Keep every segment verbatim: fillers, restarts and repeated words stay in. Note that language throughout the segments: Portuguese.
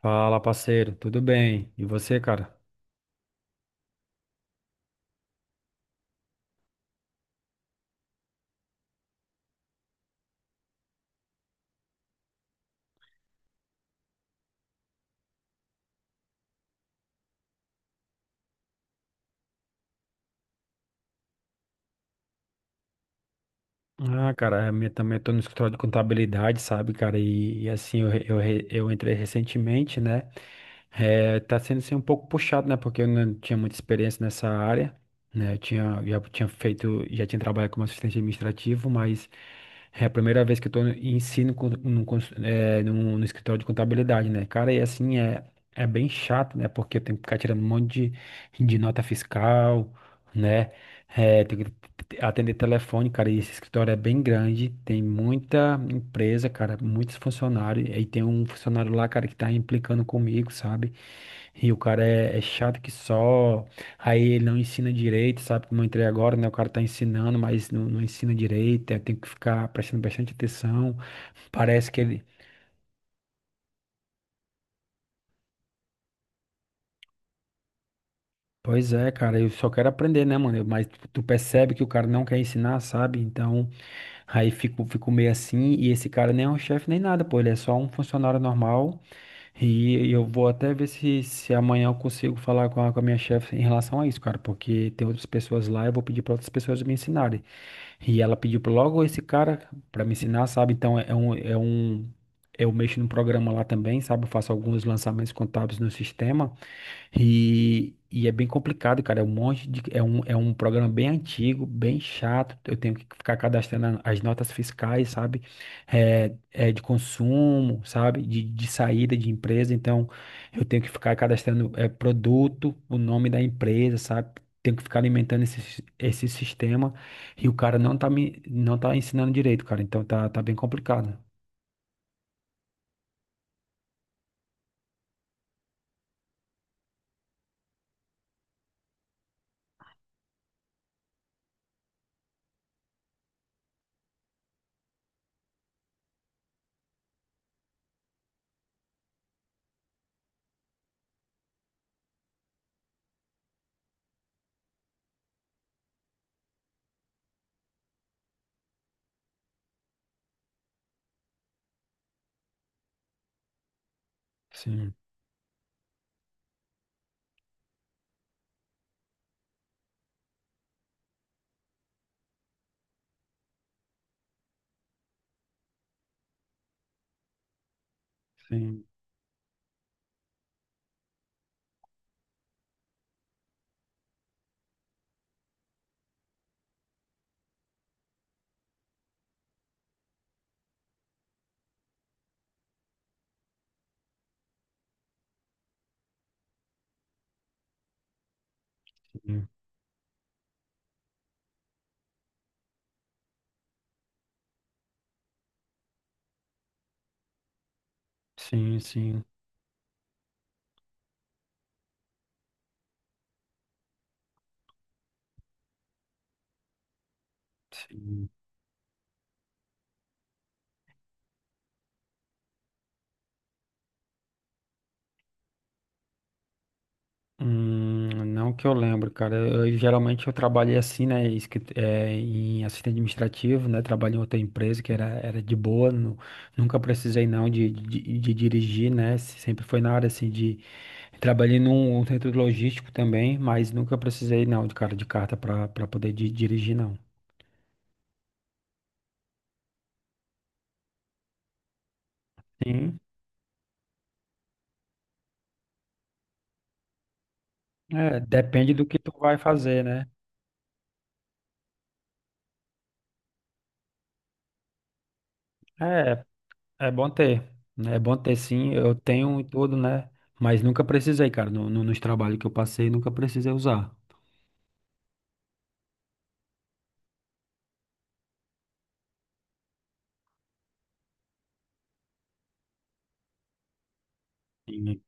Fala, parceiro, tudo bem? E você, cara? Ah, cara, a minha também. Eu tô no escritório de contabilidade, sabe, cara, e, e assim, eu, re- eu, re- eu entrei recentemente, né. É, tá sendo assim um pouco puxado, né, porque eu não tinha muita experiência nessa área, né. Eu tinha, já tinha feito, já tinha trabalhado como assistente administrativo, mas é a primeira vez que eu tô em ensino com, num, cons- é, num- no escritório de contabilidade, né, cara. E assim, é, é bem chato, né, porque eu tenho que ficar tirando um monte de, de nota fiscal, né, é, atender telefone, cara. E esse escritório é bem grande, tem muita empresa, cara, muitos funcionários. E aí tem um funcionário lá, cara, que tá implicando comigo, sabe? E o cara é, é chato que só, aí ele não ensina direito, sabe? Como eu entrei agora, né? O cara tá ensinando, mas não, não ensina direito, aí tem que ficar prestando bastante atenção, parece que ele. Pois é, cara, eu só quero aprender, né, mano? Eu- mas tu tu percebe que o cara não quer ensinar, sabe? Então, aí fico, fico meio assim. E esse cara nem é um chefe nem nada, pô, ele é só um funcionário normal. E, eu vou até ver se, se amanhã eu consigo falar com a, com a minha chefe em relação a isso, cara, porque tem outras pessoas lá, eu vou pedir pra outras pessoas me ensinarem. E ela pediu pra logo esse cara pra me ensinar, sabe? Então, é é um, é um... Eu mexo no programa lá também, sabe? Eu faço alguns lançamentos contábeis no sistema. E, e é bem complicado, cara. É um monte de, é um, é um programa bem antigo, bem chato. Eu tenho que ficar cadastrando as notas fiscais, sabe? É, é de consumo, sabe? De, de saída de empresa. Então, eu tenho que ficar cadastrando é, produto, o nome da empresa, sabe? Tenho que ficar alimentando esse, sis- esse sistema. E o cara não tá me, não tá ensinando direito, cara. Então, tá, tá bem complicado. Sim, sim, sim, sim, sim, sim. Hum, não que eu lembro, cara. Eu, eu- geralmente eu trabalhei assim, né? Escri- é, em assistente administrativo, né? Trabalhei em outra empresa que era, era de boa, nu- nunca precisei não de, de, de dirigir, né? se- Sempre foi na área assim de. Trabalhei num centro logístico também, mas nunca precisei não, de cara de carta para para poder di- dirigir, não. Sim, é, depende do que tu vai fazer, né? É, É bom ter, né? É bom ter sim, eu tenho e tudo, né? Mas nunca precisei, cara. No, no- nos trabalhos que eu passei, nunca precisei usar. Sim.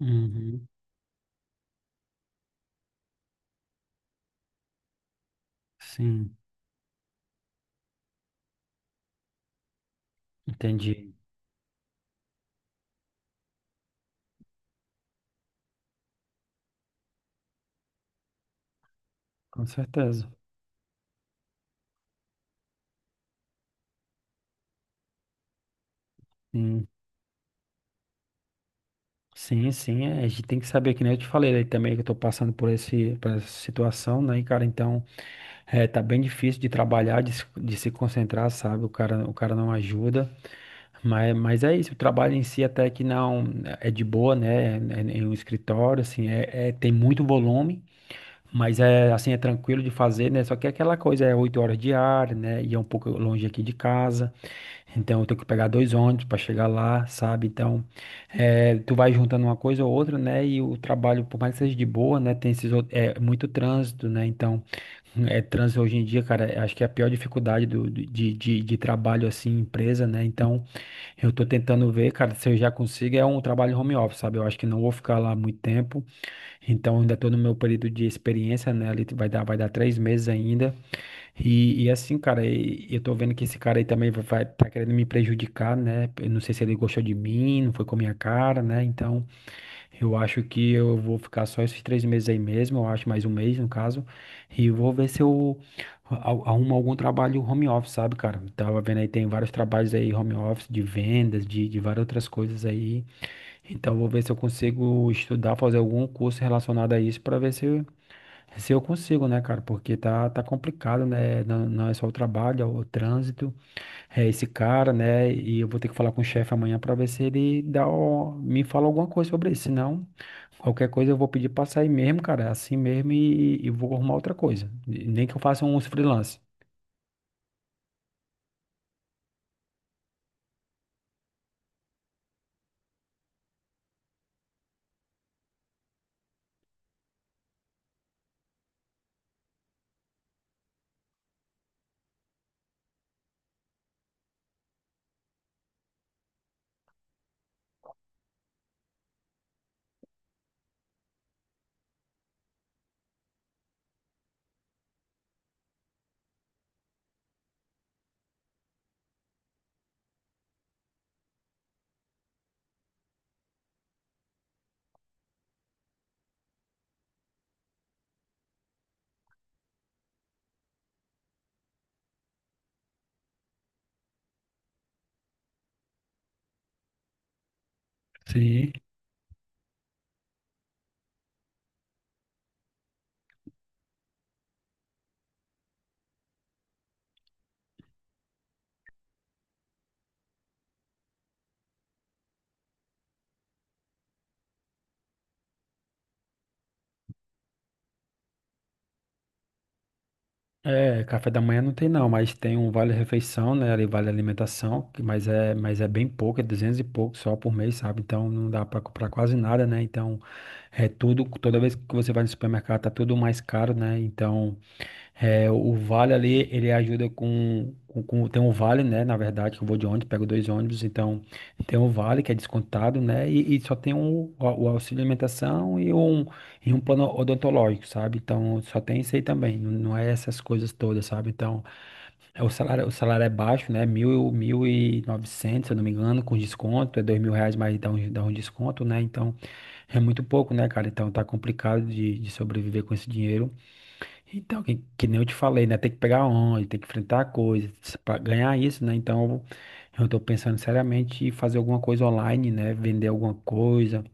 Uhum. Sim, entendi. Com certeza. Sim, sim, sim. É, a gente tem que saber, que nem eu te falei aí também, que eu tô passando por esse, por essa situação, né? E, cara, então, é, tá bem difícil de trabalhar, de, se- de se concentrar, sabe? O cara, o cara não ajuda. Mas, mas é isso, o trabalho em si até que não é de boa, né? É, é, em um escritório, assim, é, é- tem muito volume. Mas é assim, é tranquilo de fazer, né? Só que é aquela coisa, é oito horas diárias, né? E é um pouco longe aqui de casa. Então eu tenho que pegar dois ônibus para chegar lá, sabe? Então, é, tu vai juntando uma coisa ou outra, né? E o trabalho, por mais que seja de boa, né? Tem esses, out- é muito trânsito, né? Então, é trânsito hoje em dia, cara. É- acho que é a pior dificuldade do, do- de, de, de trabalho assim, em empresa, né? Então, eu tô tentando ver, cara, se eu já consigo, é um trabalho home office, sabe? Eu acho que não vou ficar lá muito tempo. Então, ainda estou no meu período de experiência, né? Ali vai dar, vai dar três meses ainda. E, e assim, cara, e- e eu tô vendo que esse cara aí também vai, vai- tá querendo me prejudicar, né? Eu não sei se ele gostou de mim, não foi com a minha cara, né? Então, eu acho que eu vou ficar só esses três meses aí mesmo, eu acho mais um mês, no caso. E vou ver se eu a- arrumo algum trabalho home office, sabe, cara? Tava vendo aí, tem vários trabalhos aí home office, de vendas, de, de várias outras coisas aí. Então, vou ver se eu consigo estudar, fazer algum curso relacionado a isso para ver se eu, se eu, consigo, né, cara? Porque tá, tá complicado, né? Não, não é só o trabalho, é o trânsito, é esse cara, né? E eu vou ter que falar com o chefe amanhã para ver se ele dá, o- me fala alguma coisa sobre isso. Senão, qualquer coisa eu vou pedir para sair mesmo, cara, é assim mesmo e, e vou arrumar outra coisa. E nem que eu faça uns freelance. Sim. É, café da manhã não tem não, mas tem um vale-refeição, né? Ali vale alimentação, que- mas é, mas é bem pouco, é duzentos e pouco só por mês, sabe? Então não dá pra comprar quase nada, né? Então é tudo, toda vez que você vai no supermercado tá tudo mais caro, né? Então é, o vale ali, ele ajuda com, com, com- Tem um vale, né? Na verdade, que eu vou de ônibus, pego dois ônibus, então tem um vale que é descontado, né? E, e só tem um, o, o auxílio alimentação e um, e um plano odontológico, sabe? Então só tem isso aí também, não, não é essas coisas todas, sabe? Então é, o salário, o salário é baixo, né? Mil, mil e novecentos, se eu não me engano, com desconto, é dois mil reais, mas dá um, dá um desconto, né? Então é muito pouco, né, cara? Então tá complicado de, de sobreviver com esse dinheiro. Então, que, que nem eu te falei, né? Tem que pegar onde, tem que enfrentar a coisa para ganhar isso, né? Então, eu tô pensando seriamente em fazer alguma coisa online, né? Vender alguma coisa,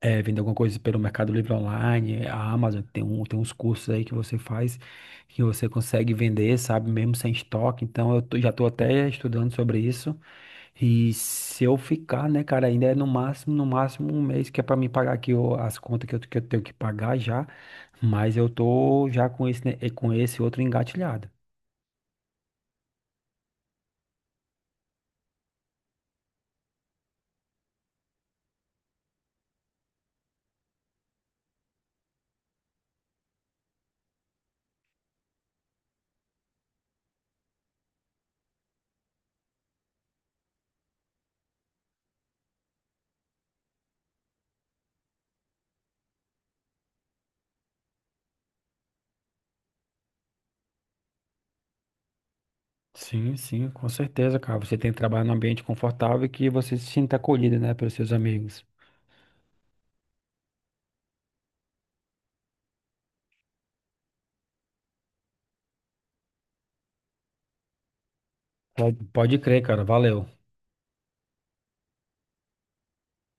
eh, vender alguma coisa pelo Mercado Livre online, a Amazon, tem um, tem uns cursos aí que você faz que você consegue vender, sabe? Mesmo sem estoque. Então, eu tô- já tô até estudando sobre isso. E se eu ficar, né, cara, ainda é no máximo, no máximo um mês que é pra mim pagar aqui o- as contas que eu, que eu tenho que pagar já, mas eu tô já com esse, né, eh, com esse outro engatilhado. Sim, sim, com certeza, cara. Você tem que trabalhar num ambiente confortável e que você se sinta acolhido, né, pelos seus amigos. Pode, pode crer, cara. Valeu.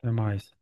Até mais.